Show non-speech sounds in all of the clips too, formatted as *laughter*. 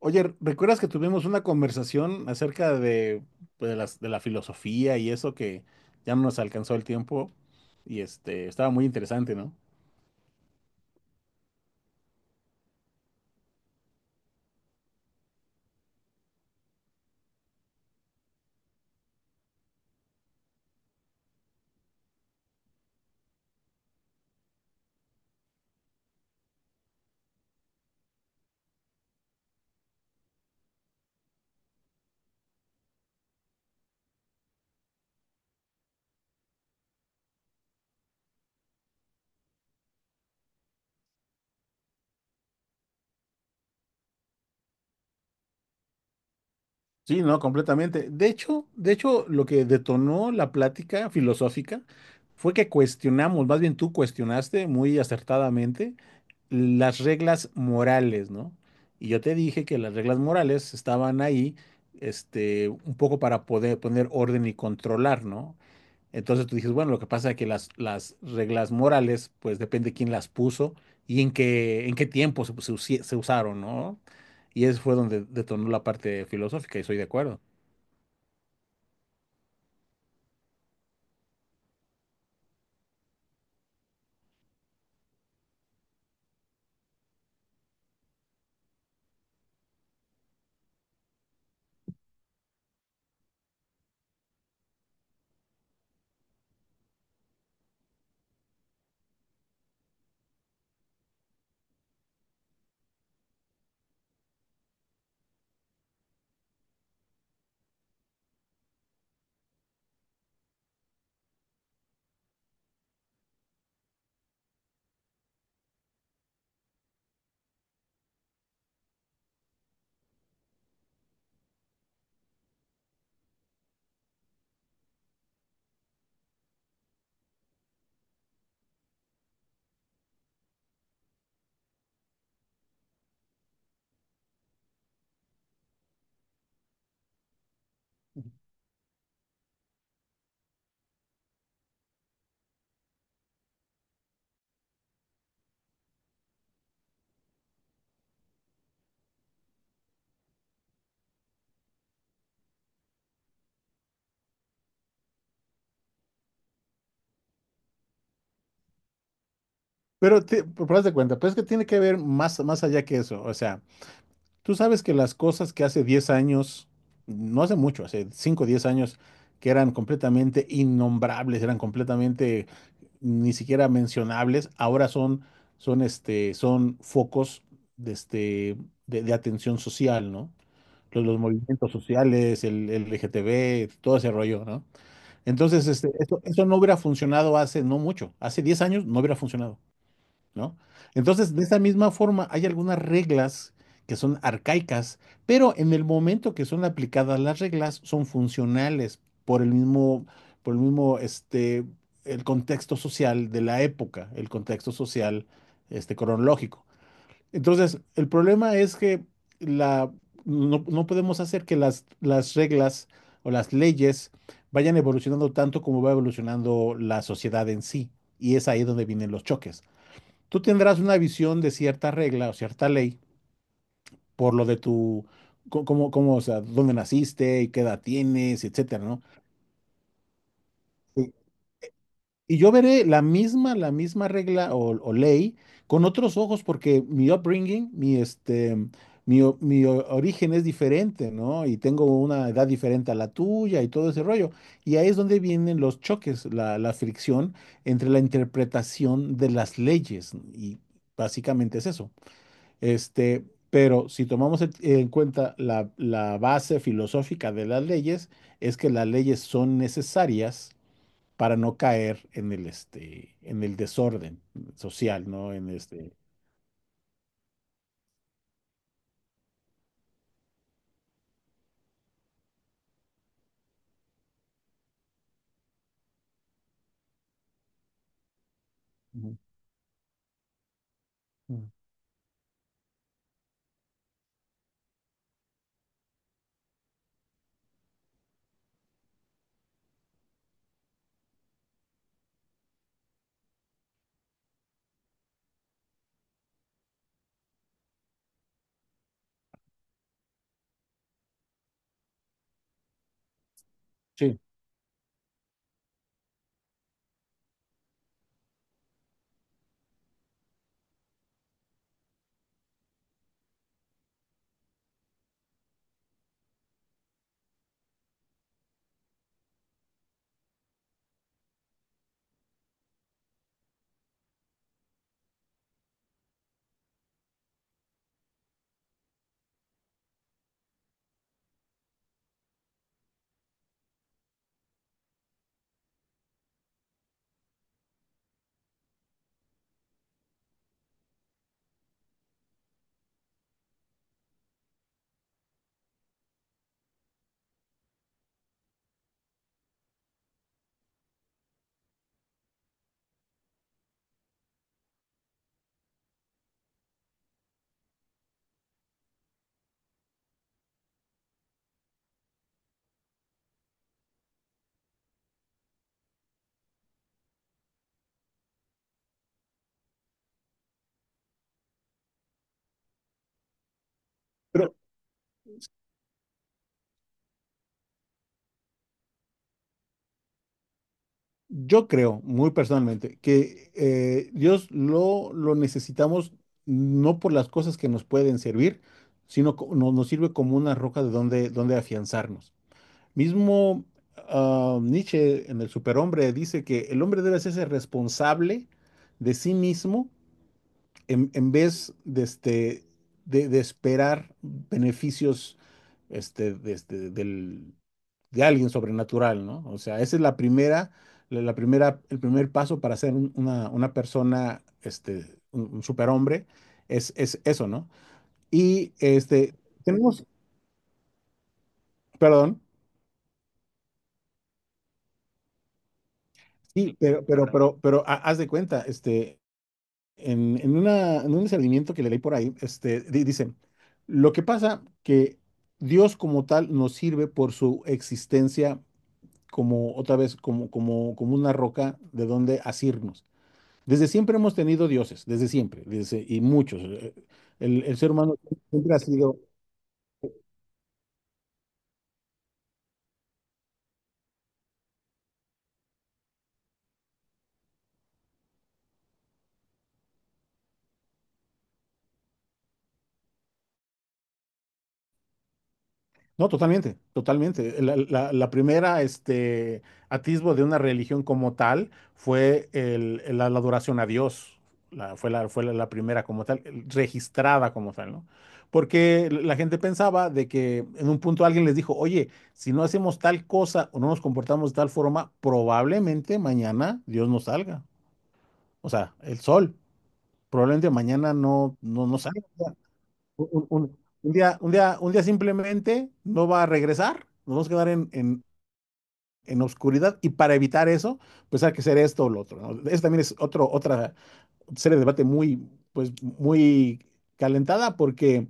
Oye, ¿recuerdas que tuvimos una conversación acerca de, pues, de la filosofía y eso que ya no nos alcanzó el tiempo? Y estaba muy interesante, ¿no? Sí, no, completamente. De hecho, lo que detonó la plática filosófica fue que cuestionamos, más bien tú cuestionaste muy acertadamente las reglas morales, ¿no? Y yo te dije que las reglas morales estaban ahí, un poco para poder poner orden y controlar, ¿no? Entonces tú dices, bueno, lo que pasa es que las reglas morales, pues depende de quién las puso y en qué tiempo se usaron, ¿no? Y eso fue donde detonó la parte filosófica y soy de acuerdo. Pero haz de cuenta, pero es que tiene que ver más, más allá que eso. O sea, tú sabes que las cosas que hace 10 años, no hace mucho, hace 5 o 10 años, que eran completamente innombrables, eran completamente ni siquiera mencionables, ahora son focos de, este, de atención social, ¿no? Los movimientos sociales, el LGTB, todo ese rollo, ¿no? Entonces, eso, eso no hubiera funcionado hace no mucho, hace 10 años no hubiera funcionado, ¿no? Entonces, de esa misma forma, hay algunas reglas que son arcaicas, pero en el momento que son aplicadas las reglas son funcionales por el mismo, el contexto social de la época, el contexto social, cronológico. Entonces, el problema es que la, no, no podemos hacer que las reglas o las leyes vayan evolucionando tanto como va evolucionando la sociedad en sí, y es ahí donde vienen los choques. Tú tendrás una visión de cierta regla o cierta ley por lo de tu, cómo, o sea, dónde naciste y qué edad tienes, etcétera, ¿no? Sí. Y yo veré la misma regla o ley con otros ojos porque mi upbringing, mi, origen es diferente, ¿no? Y tengo una edad diferente a la tuya y todo ese rollo. Y ahí es donde vienen los choques, la fricción entre la interpretación de las leyes, ¿no? Y básicamente es eso. Este, pero si tomamos en cuenta la base filosófica de las leyes, es que las leyes son necesarias para no caer en en el desorden social, ¿no? En este. Ujú, ujú. Sí. Pero yo creo, muy personalmente, que Dios lo necesitamos no por las cosas que nos pueden servir, sino nos sirve como una roca de donde, donde afianzarnos. Mismo Nietzsche en el Superhombre dice que el hombre debe hacerse responsable de sí mismo en vez de, de esperar beneficios este, de, este, del, de alguien sobrenatural, ¿no? O sea, esa es la primera, la primera, el primer paso para ser una persona, un superhombre, es eso, ¿no? Y tenemos, perdón, sí, pero haz de cuenta, en una, en un discernimiento que le leí por ahí, dice, lo que pasa que Dios como tal nos sirve por su existencia como otra vez, como una roca de donde asirnos. Desde siempre hemos tenido dioses, desde siempre, desde, y muchos. El ser humano siempre ha sido. No, totalmente, totalmente. La primera, atisbo de una religión como tal fue la adoración a Dios. La primera como tal, registrada como tal, ¿no? Porque la gente pensaba de que en un punto alguien les dijo, oye, si no hacemos tal cosa o no nos comportamos de tal forma, probablemente mañana Dios no salga. O sea, el sol, probablemente mañana no salga un, un- un- un día, un día simplemente no va a regresar, nos vamos a quedar en oscuridad y para evitar eso, pues hay que hacer esto o lo otro, ¿no? Eso también es otro, otra serie de debate muy, pues, muy calentada porque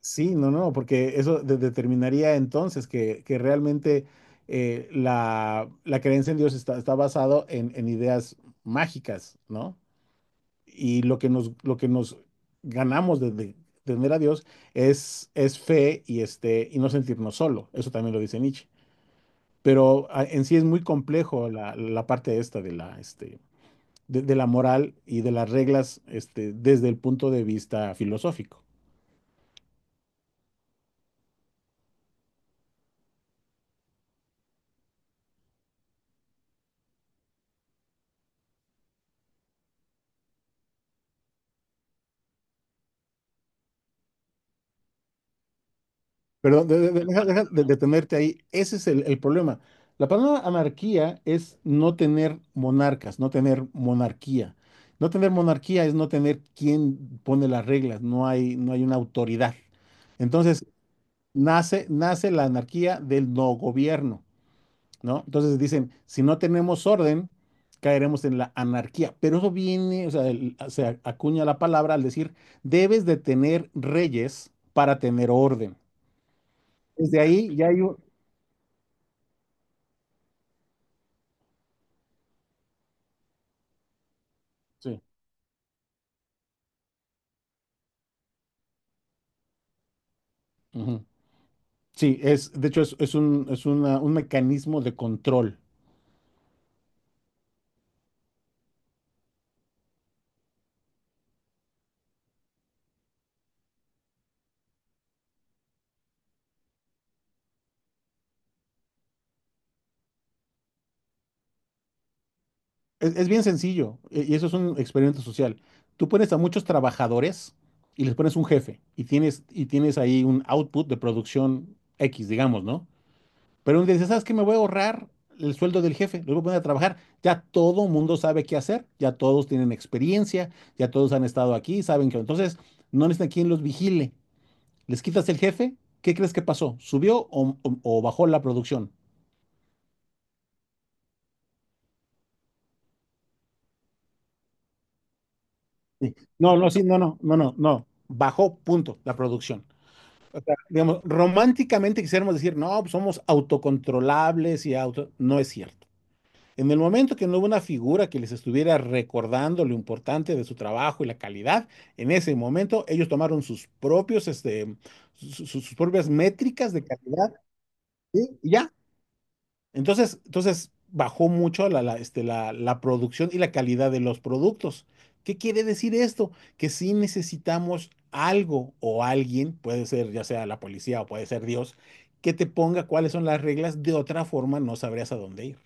sí, no, no, porque eso determinaría entonces que realmente la creencia en Dios está, está basado en ideas mágicas, ¿no? Y lo que nos ganamos de tener a Dios es fe y, y no sentirnos solo. Eso también lo dice Nietzsche. Pero en sí es muy complejo la parte esta de la, de la moral y de las reglas desde el punto de vista filosófico. Perdón, deja de detenerte ahí. Ese es el problema. La palabra anarquía es no tener monarcas, no tener monarquía. No tener monarquía es no tener quien pone las reglas, no hay una autoridad. Entonces, nace la anarquía del no gobierno, ¿no? Entonces dicen, si no tenemos orden, caeremos en la anarquía. Pero eso viene, o sea, se acuña la palabra al decir, debes de tener reyes para tener orden. Desde ahí ya hay. Sí. Ujú. Sí, es, de hecho, es un, es un mecanismo de control. Es bien sencillo y eso es un experimento social. Tú pones a muchos trabajadores y les pones un jefe y tienes ahí un output de producción X, digamos, ¿no? Pero un día dices, ¿sabes qué? Me voy a ahorrar el sueldo del jefe, los voy a poner a trabajar. Ya todo mundo sabe qué hacer, ya todos tienen experiencia, ya todos han estado aquí, saben que entonces no necesitan quien los vigile. Les quitas el jefe, ¿qué crees que pasó? ¿Subió o bajó la producción? Sí. No, sí, no, no. Bajó, punto, la producción. O sea, digamos, románticamente quisiéramos decir, no, pues somos autocontrolables y auto. No es cierto. En el momento que no hubo una figura que les estuviera recordando lo importante de su trabajo y la calidad, en ese momento ellos tomaron sus propios, sus propias métricas de calidad, ¿sí? Y ya. Entonces bajó mucho la producción y la calidad de los productos. ¿Qué quiere decir esto? Que si necesitamos algo o alguien, puede ser ya sea la policía o puede ser Dios, que te ponga cuáles son las reglas, de otra forma no sabrías a dónde ir.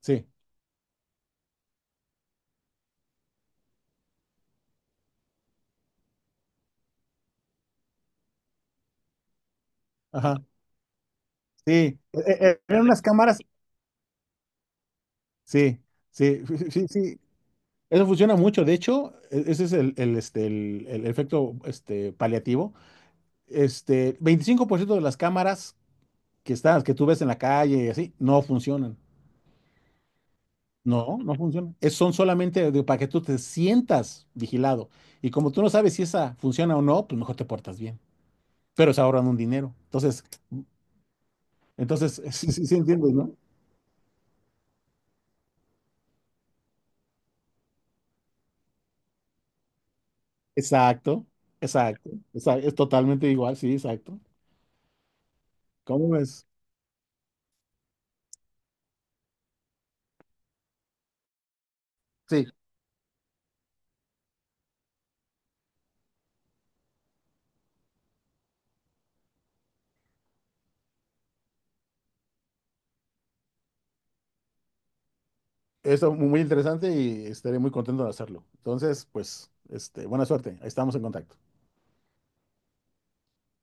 Sí, ajá, sí. Eran unas cámaras, sí, sí, *laughs* sí, sí. Eso funciona mucho. De hecho, ese es el efecto este, paliativo. Este, 25% de las cámaras que tú ves en la calle y así, no funcionan. No, no funcionan. Son solamente para que tú te sientas vigilado. Y como tú no sabes si esa funciona o no, pues mejor te portas bien. Pero se ahorran un dinero. Entonces, *laughs* sí, sí, sí entiendes, ¿no? Exacto, exacto. Es totalmente igual, sí, exacto. ¿Cómo ves? Sí, eso muy muy interesante y estaré muy contento de hacerlo. Entonces, pues, buena suerte. Estamos en contacto.